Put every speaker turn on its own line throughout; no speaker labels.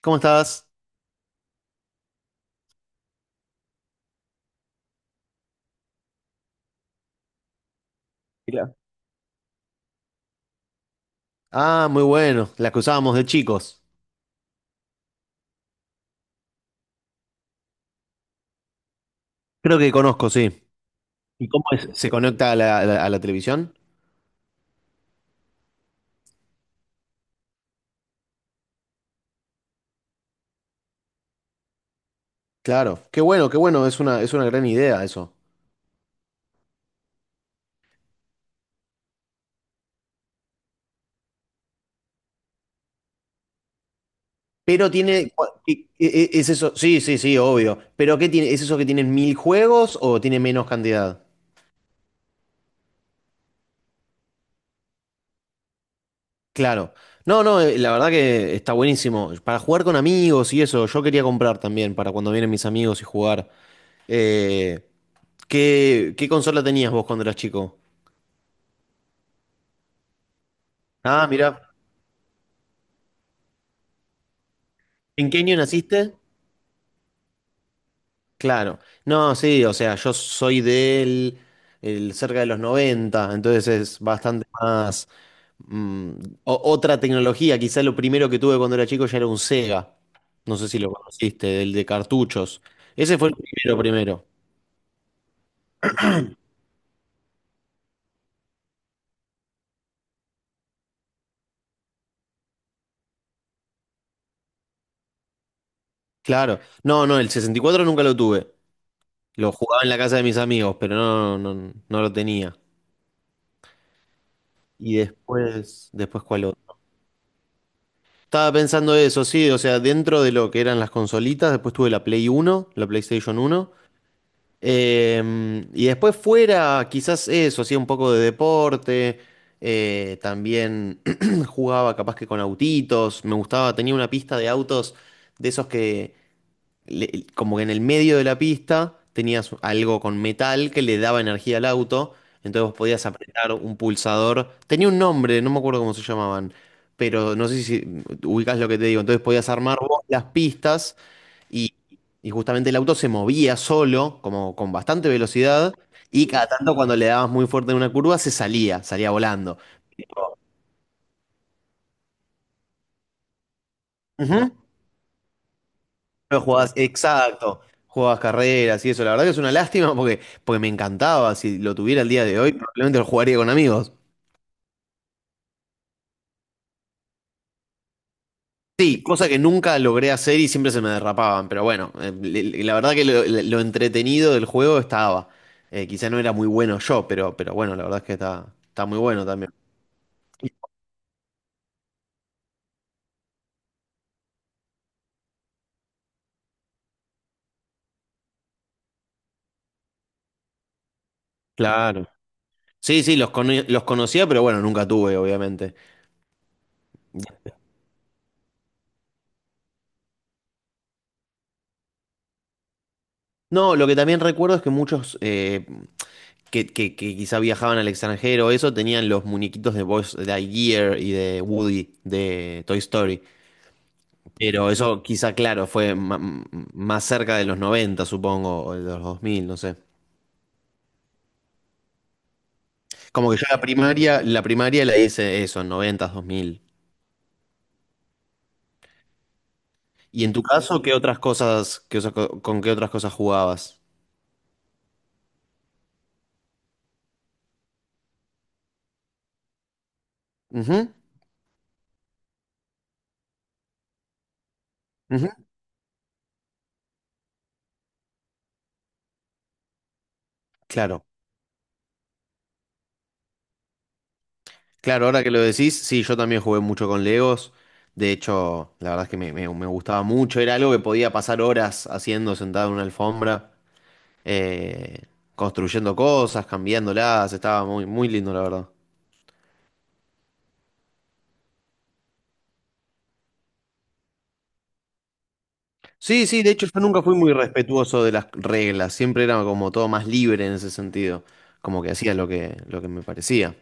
¿Cómo estás? Mira. Ah, muy bueno. Las que usábamos de chicos. Creo que conozco, sí. ¿Se conecta a la televisión? Claro, qué bueno, es una gran idea eso. Pero tiene. ¿Es eso? Sí, sí, sí, obvio. ¿Pero qué tiene? ¿Es eso que tienen mil juegos o tiene menos cantidad? Claro. No, no, la verdad que está buenísimo. Para jugar con amigos y eso, yo quería comprar también para cuando vienen mis amigos y jugar. Eh, qué consola tenías vos cuando eras chico? Ah, mira. ¿En qué año naciste? Claro. No, sí, o sea, yo soy del cerca de los 90, entonces es bastante más mm, otra tecnología. Quizá lo primero que tuve cuando era chico ya era un Sega. No sé si lo conociste, el de cartuchos. Ese fue el primero, primero. Claro. No, no, el 64 nunca lo tuve. Lo jugaba en la casa de mis amigos, pero no, no, no lo tenía. Y después ¿cuál otro? Estaba pensando eso, sí, o sea, dentro de lo que eran las consolitas, después tuve la Play 1, la PlayStation 1. Y después fuera, quizás eso, hacía un poco de deporte, también jugaba capaz que con autitos, me gustaba, tenía una pista de autos de esos que como que en el medio de la pista tenías algo con metal que le daba energía al auto, entonces vos podías apretar un pulsador, tenía un nombre, no me acuerdo cómo se llamaban, pero no sé si ubicás lo que te digo, entonces podías armar vos las pistas. Y, y justamente el auto se movía solo, como con bastante velocidad, y cada tanto cuando le dabas muy fuerte en una curva se salía, salía volando. Ujú. Pero jugabas, exacto, jugabas carreras y eso. La verdad que es una lástima porque me encantaba. Si lo tuviera el día de hoy, probablemente lo jugaría con amigos. Sí, cosa que nunca logré hacer y siempre se me derrapaban, pero bueno, la verdad que lo entretenido del juego estaba. Quizá no era muy bueno yo, pero bueno, la verdad es que está muy bueno también. Claro. Sí, sí, los conocía, pero bueno, nunca tuve, obviamente. No, lo que también recuerdo es que muchos que quizá viajaban al extranjero, eso, tenían los muñequitos de Buzz Lightyear y de Woody, de Toy Story. Pero eso quizá, claro, fue más cerca de los 90, supongo, o de los 2000, no sé. Como que yo la primaria la hice eso, en noventa, dos mil. ¿Y en tu caso, qué otras cosas, con qué otras cosas jugabas? Ujú, ujú. Claro. Claro, ahora que lo decís, sí, yo también jugué mucho con Legos. De hecho, la verdad es que me gustaba mucho. Era algo que podía pasar horas haciendo sentado en una alfombra, eh, construyendo cosas, cambiándolas. Estaba muy, muy lindo, la verdad. Sí, sí, de hecho, yo nunca fui muy respetuoso de las reglas. Siempre era como todo más libre en ese sentido. Como que hacía lo que me parecía.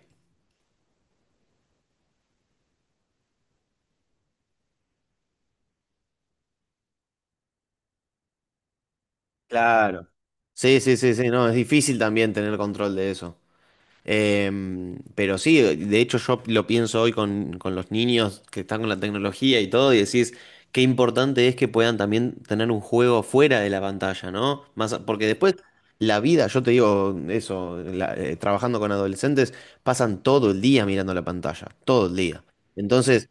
Claro. Sí, sí, sí, sí, no, es difícil también tener control de eso. Pero sí, de hecho yo lo pienso hoy con los niños que están con la tecnología y todo, y decís qué importante es que puedan también tener un juego fuera de la pantalla, ¿no? Más, porque después la vida, yo te digo eso, trabajando con adolescentes, pasan todo el día mirando la pantalla, todo el día. Entonces,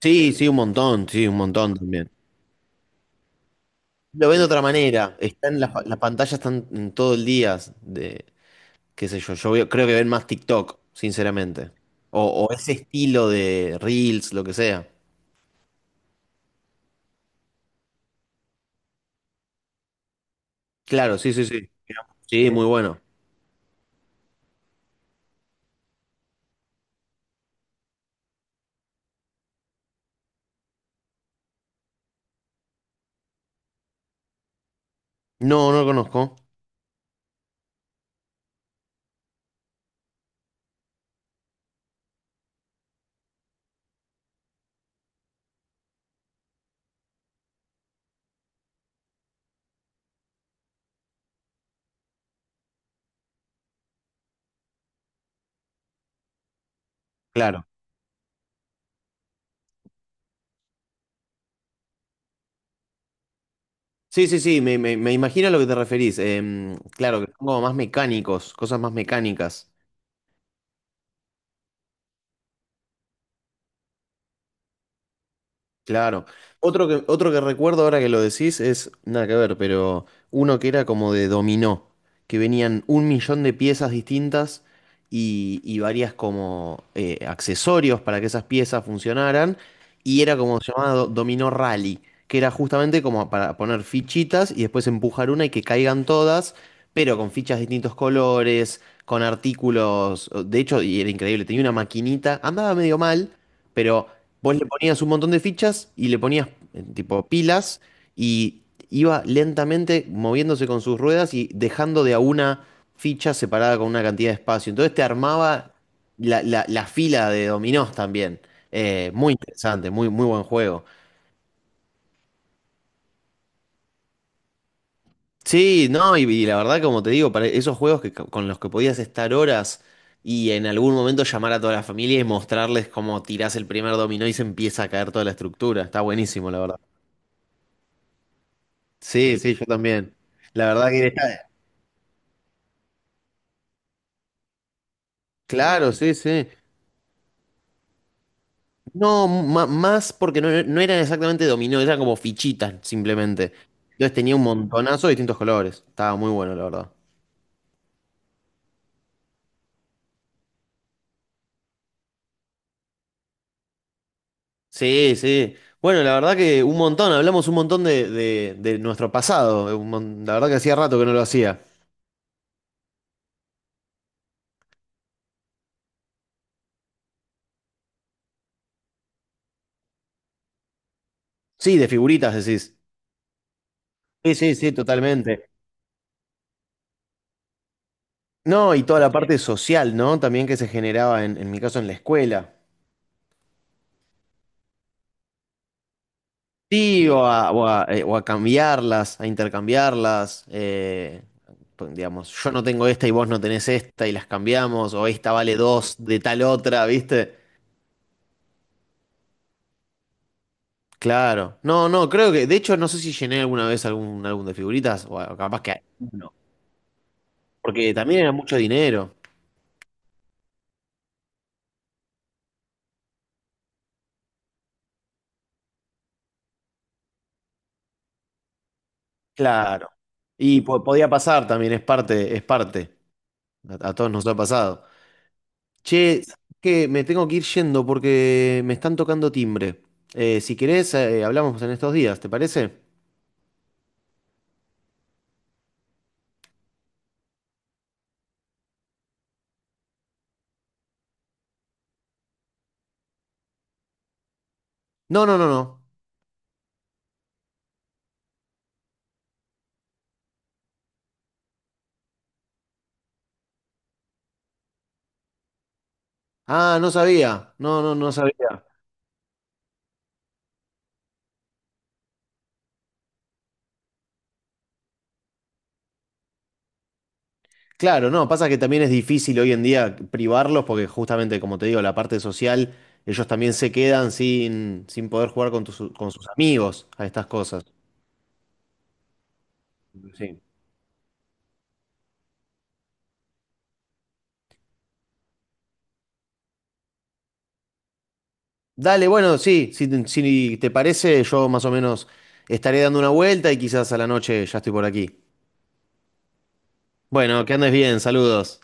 sí, sí, un montón también. Lo ven de otra manera, están las pantallas están todo el día. Qué sé yo, creo que ven más TikTok, sinceramente. O ese estilo de Reels, lo que sea. Claro, sí, sí, sí. Sí, muy bueno. No, no lo conozco. Claro. Sí, sí, sí, me imagino a lo que te referís. Claro, que son como más mecánicos, cosas más mecánicas. Claro. Otro que recuerdo ahora que lo decís es, nada que ver, pero uno que era como de dominó, que venían un millón de piezas distintas y varias como accesorios para que esas piezas funcionaran, y era como llamado dominó rally, que era justamente como para poner fichitas y después empujar una y que caigan todas, pero con fichas de distintos colores, con artículos, de hecho, y era increíble, tenía una maquinita, andaba medio mal, pero. Vos le ponías un montón de fichas y le ponías tipo pilas y iba lentamente moviéndose con sus ruedas y dejando de a una ficha separada con una cantidad de espacio. Entonces te armaba la fila de dominós también. Muy interesante, muy, muy buen juego. Sí, no, y la verdad, como te digo, para esos juegos que, con los que podías estar horas y en algún momento llamar a toda la familia y mostrarles cómo tirás el primer dominó y se empieza a caer toda la estructura. Está buenísimo, la verdad. Sí, sí, yo también. La verdad que está. Claro, sí, sí. No, más porque no, no eran exactamente dominó, eran como fichitas simplemente. Entonces tenía un montonazo de distintos colores. Estaba muy bueno, la verdad. Sí, sí. Bueno, la verdad que un montón, hablamos un montón de nuestro pasado. La verdad que hacía rato que no lo hacía. Sí, de figuritas decís. Sí, sí, sí, totalmente. No, y toda la parte social, ¿no? También que se generaba en mi caso en la escuela. Sí, o a cambiarlas, a intercambiarlas. Pues, digamos, yo no tengo esta y vos no tenés esta y las cambiamos, o esta vale dos de tal otra, ¿viste? Claro. No, no, creo que, de hecho, no sé si llené alguna vez algún álbum de figuritas, capaz que. Porque también era mucho dinero. Claro. Y podía pasar también, es parte, es parte. A todos nos ha pasado. Che, que me tengo que ir yendo porque me están tocando timbre. Si querés, hablamos en estos días, ¿te parece? No, no, no, no. Ah, no sabía. No, no, no sabía. Claro, no, pasa que también es difícil hoy en día privarlos porque justamente, como te digo, la parte social, ellos también se quedan sin poder jugar con sus amigos a estas cosas. Dale, bueno, sí, si te parece, yo más o menos estaré dando una vuelta y quizás a la noche ya estoy por aquí. Bueno, que andes bien, saludos.